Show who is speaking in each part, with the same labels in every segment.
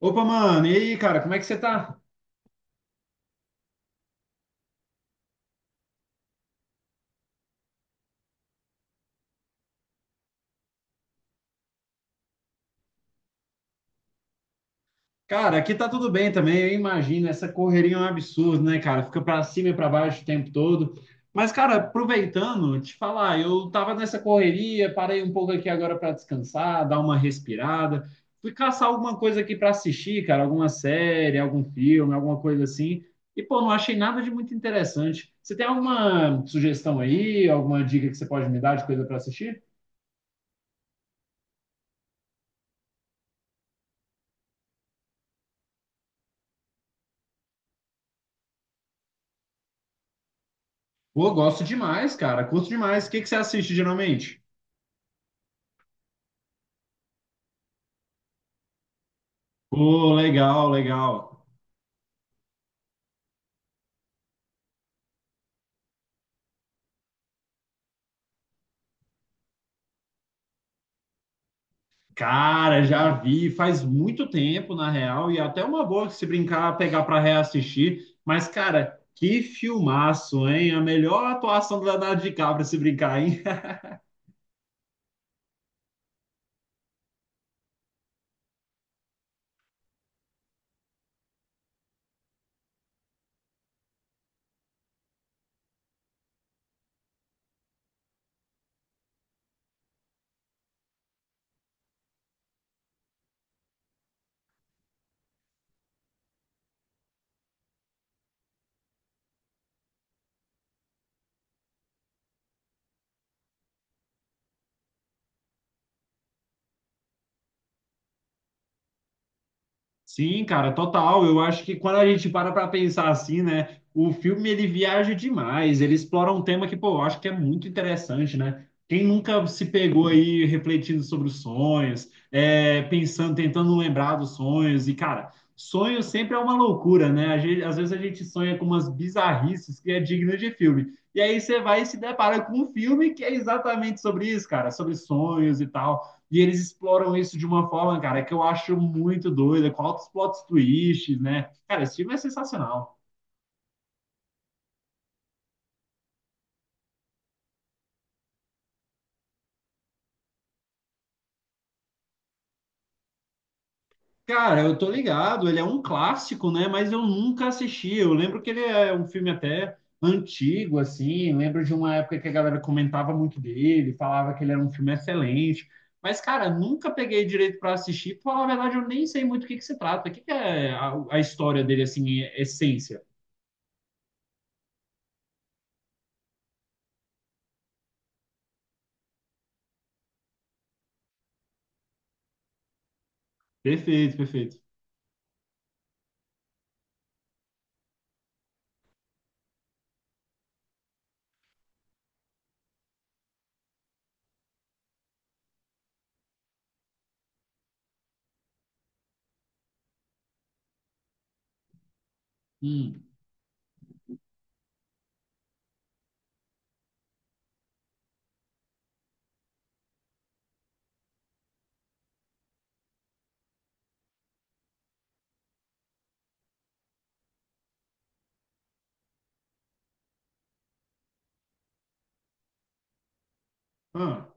Speaker 1: Opa, mano, e aí, cara, como é que você tá? Cara, aqui tá tudo bem também, eu imagino, essa correria é um absurdo, né, cara? Fica pra cima e pra baixo o tempo todo. Mas, cara, aproveitando, te falar, eu tava nessa correria, parei um pouco aqui agora pra descansar, dar uma respirada. Fui caçar alguma coisa aqui pra assistir, cara, alguma série, algum filme, alguma coisa assim. E, pô, não achei nada de muito interessante. Você tem alguma sugestão aí, alguma dica que você pode me dar de coisa pra assistir? Pô, gosto demais, cara. Curto demais. O que que você assiste geralmente? Pô, legal, legal. Cara, já vi faz muito tempo, na real, e é até uma boa que se brincar, pegar pra reassistir. Mas, cara, que filmaço, hein? A melhor atuação do Leonardo DiCaprio se brincar, hein? Sim, cara, total. Eu acho que quando a gente para para pensar assim, né, o filme ele viaja demais, ele explora um tema que, pô, eu acho que é muito interessante, né? Quem nunca se pegou aí refletindo sobre os sonhos, é, pensando, tentando lembrar dos sonhos, e, cara, sonho sempre é uma loucura, né? Às vezes a gente sonha com umas bizarrices que é digna de filme. E aí você vai e se depara com um filme que é exatamente sobre isso, cara, sobre sonhos e tal. E eles exploram isso de uma forma, cara, que eu acho muito doida, com altos plot twists, né? Cara, esse filme é sensacional. Cara, eu tô ligado, ele é um clássico, né? Mas eu nunca assisti. Eu lembro que ele é um filme até antigo, assim. Lembro de uma época que a galera comentava muito dele, falava que ele era um filme excelente. Mas, cara, nunca peguei direito para assistir. Pra falar a verdade, eu nem sei muito o que que se trata. O que que é a história dele, assim, em essência? Perfeito, perfeito. Hum. Ah.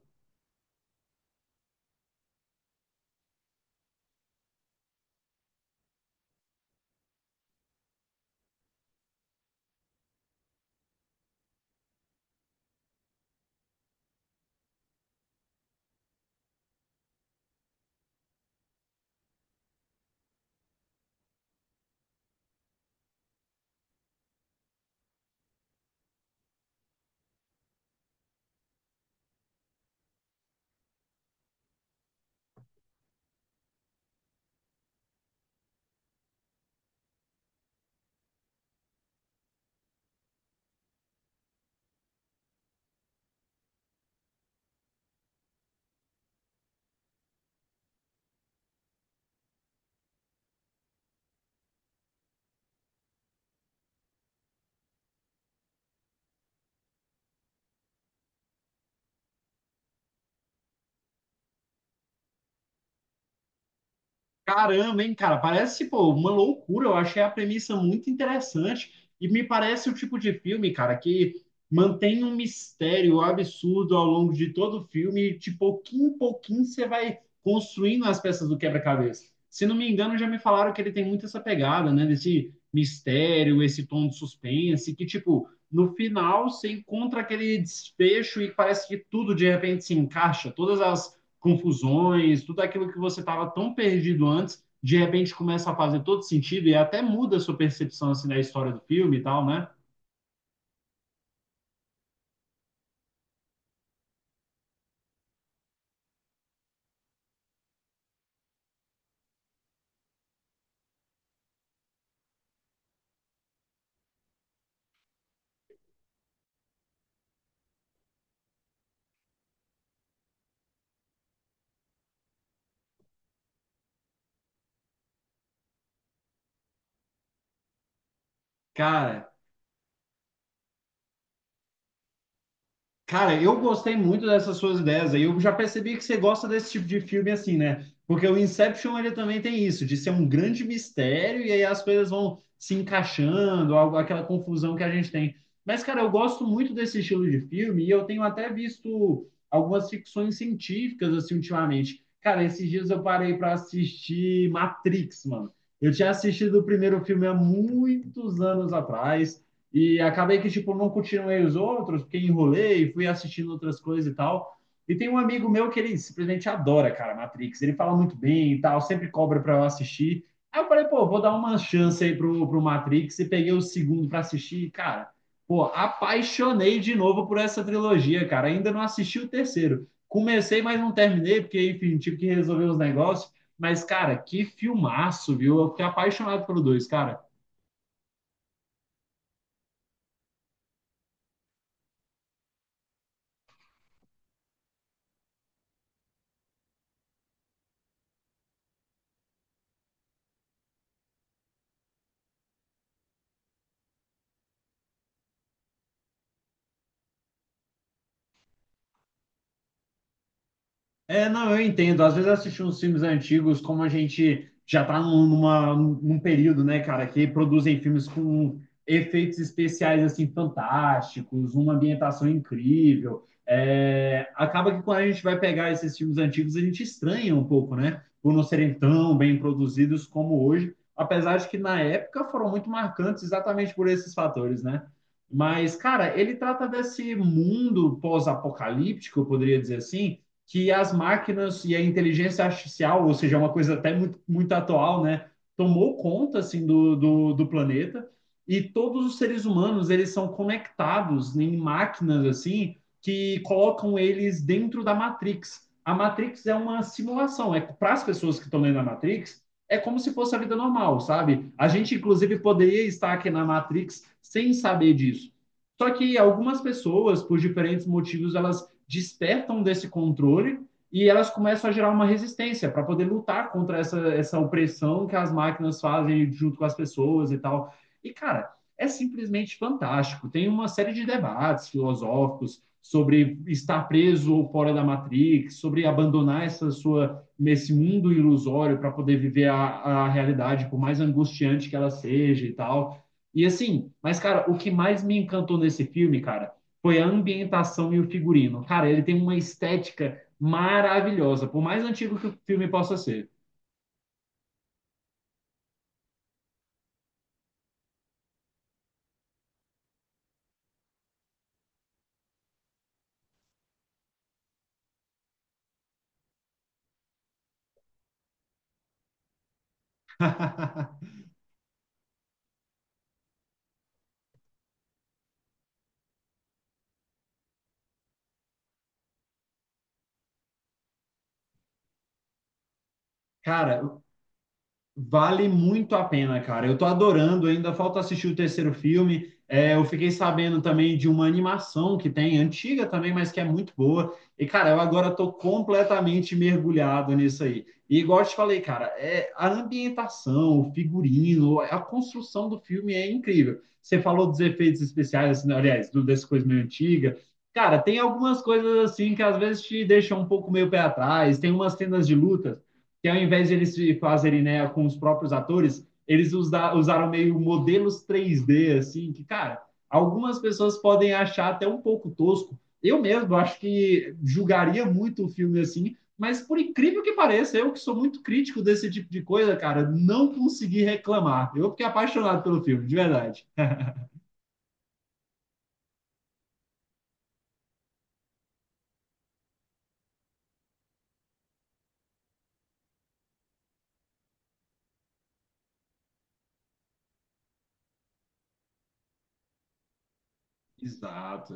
Speaker 1: Caramba, hein, cara? Parece, pô, uma loucura. Eu achei a premissa muito interessante e me parece o tipo de filme, cara, que mantém um mistério absurdo ao longo de todo o filme e de pouquinho em pouquinho você vai construindo as peças do quebra-cabeça. Se não me engano, já me falaram que ele tem muito essa pegada, né, desse mistério, esse tom de suspense, que, tipo, no final você encontra aquele desfecho e parece que tudo de repente se encaixa, todas as confusões, tudo aquilo que você estava tão perdido antes, de repente começa a fazer todo sentido e até muda a sua percepção assim da história do filme e tal, né? Cara, Cara, eu gostei muito dessas suas ideias aí. Eu já percebi que você gosta desse tipo de filme assim, né? Porque o Inception ele também tem isso, de ser um grande mistério e aí as coisas vão se encaixando, aquela confusão que a gente tem. Mas, cara, eu gosto muito desse estilo de filme e eu tenho até visto algumas ficções científicas assim ultimamente. Cara, esses dias eu parei para assistir Matrix, mano. Eu tinha assistido o primeiro filme há muitos anos atrás. E acabei que, tipo, não continuei os outros, porque enrolei, fui assistindo outras coisas e tal. E tem um amigo meu que ele simplesmente adora, cara, Matrix. Ele fala muito bem e tal, sempre cobra para eu assistir. Aí eu falei, pô, vou dar uma chance aí pro Matrix e peguei o segundo para assistir. E, cara, pô, apaixonei de novo por essa trilogia, cara. Ainda não assisti o terceiro. Comecei, mas não terminei, porque, enfim, tive que resolver os negócios. Mas, cara, que filmaço, viu? Eu fiquei apaixonado pelo dois, cara. É, não, eu entendo. Às vezes assistir uns filmes antigos, como a gente já está num período, né, cara, que produzem filmes com efeitos especiais, assim, fantásticos, uma ambientação incrível. É, acaba que quando a gente vai pegar esses filmes antigos, a gente estranha um pouco, né, por não serem tão bem produzidos como hoje, apesar de que na época foram muito marcantes exatamente por esses fatores, né? Mas, cara, ele trata desse mundo pós-apocalíptico, eu poderia dizer assim, que as máquinas e a inteligência artificial, ou seja, é uma coisa até muito, muito atual, né, tomou conta assim do planeta e todos os seres humanos eles são conectados em máquinas assim que colocam eles dentro da Matrix. A Matrix é uma simulação, é para as pessoas que estão lendo a Matrix, é como se fosse a vida normal, sabe? A gente inclusive poderia estar aqui na Matrix sem saber disso. Só que algumas pessoas, por diferentes motivos, elas despertam desse controle e elas começam a gerar uma resistência para poder lutar contra essa opressão que as máquinas fazem junto com as pessoas e tal. E, cara, é simplesmente fantástico. Tem uma série de debates filosóficos sobre estar preso ou fora da Matrix, sobre abandonar essa sua esse mundo ilusório para poder viver a realidade, por mais angustiante que ela seja e tal. E assim, mas cara, o que mais me encantou nesse filme, cara, foi a ambientação e o figurino. Cara, ele tem uma estética maravilhosa, por mais antigo que o filme possa ser. Cara, vale muito a pena, cara. Eu tô adorando, ainda falta assistir o terceiro filme. É, eu fiquei sabendo também de uma animação que tem, antiga também, mas que é muito boa. E, cara, eu agora tô completamente mergulhado nisso aí. E igual eu te falei, cara, é a ambientação, o figurino, a construção do filme é incrível. Você falou dos efeitos especiais, assim, aliás, dessa coisa meio antiga. Cara, tem algumas coisas assim que às vezes te deixam um pouco meio pé atrás, tem umas cenas de luta que ao invés de eles fazerem né, com os próprios atores, eles usaram meio modelos 3D, assim, que, cara, algumas pessoas podem achar até um pouco tosco. Eu mesmo acho que julgaria muito o filme assim, mas por incrível que pareça, eu que sou muito crítico desse tipo de coisa, cara, não consegui reclamar. Eu fiquei apaixonado pelo filme, de verdade. Exato.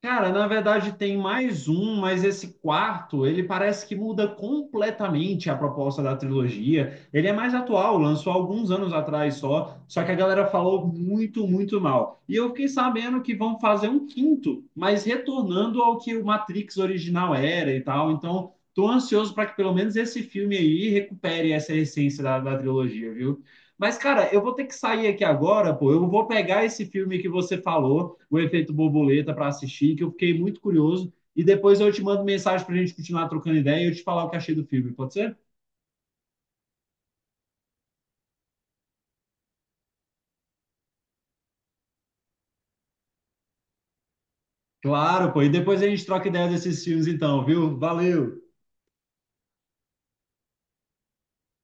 Speaker 1: Cara, na verdade tem mais um, mas esse quarto, ele parece que muda completamente a proposta da trilogia. Ele é mais atual, lançou alguns anos atrás só, só que a galera falou muito, muito mal. E eu fiquei sabendo que vão fazer um quinto, mas retornando ao que o Matrix original era e tal. Então, tô ansioso para que pelo menos esse filme aí recupere essa essência da trilogia, viu? Mas, cara, eu vou ter que sair aqui agora, pô. Eu vou pegar esse filme que você falou o efeito borboleta para assistir, que eu fiquei muito curioso. E depois eu te mando mensagem para a gente continuar trocando ideia e eu te falar o que achei do filme, pode ser? Claro, pô. E depois a gente troca ideia desses filmes, então, viu? Valeu!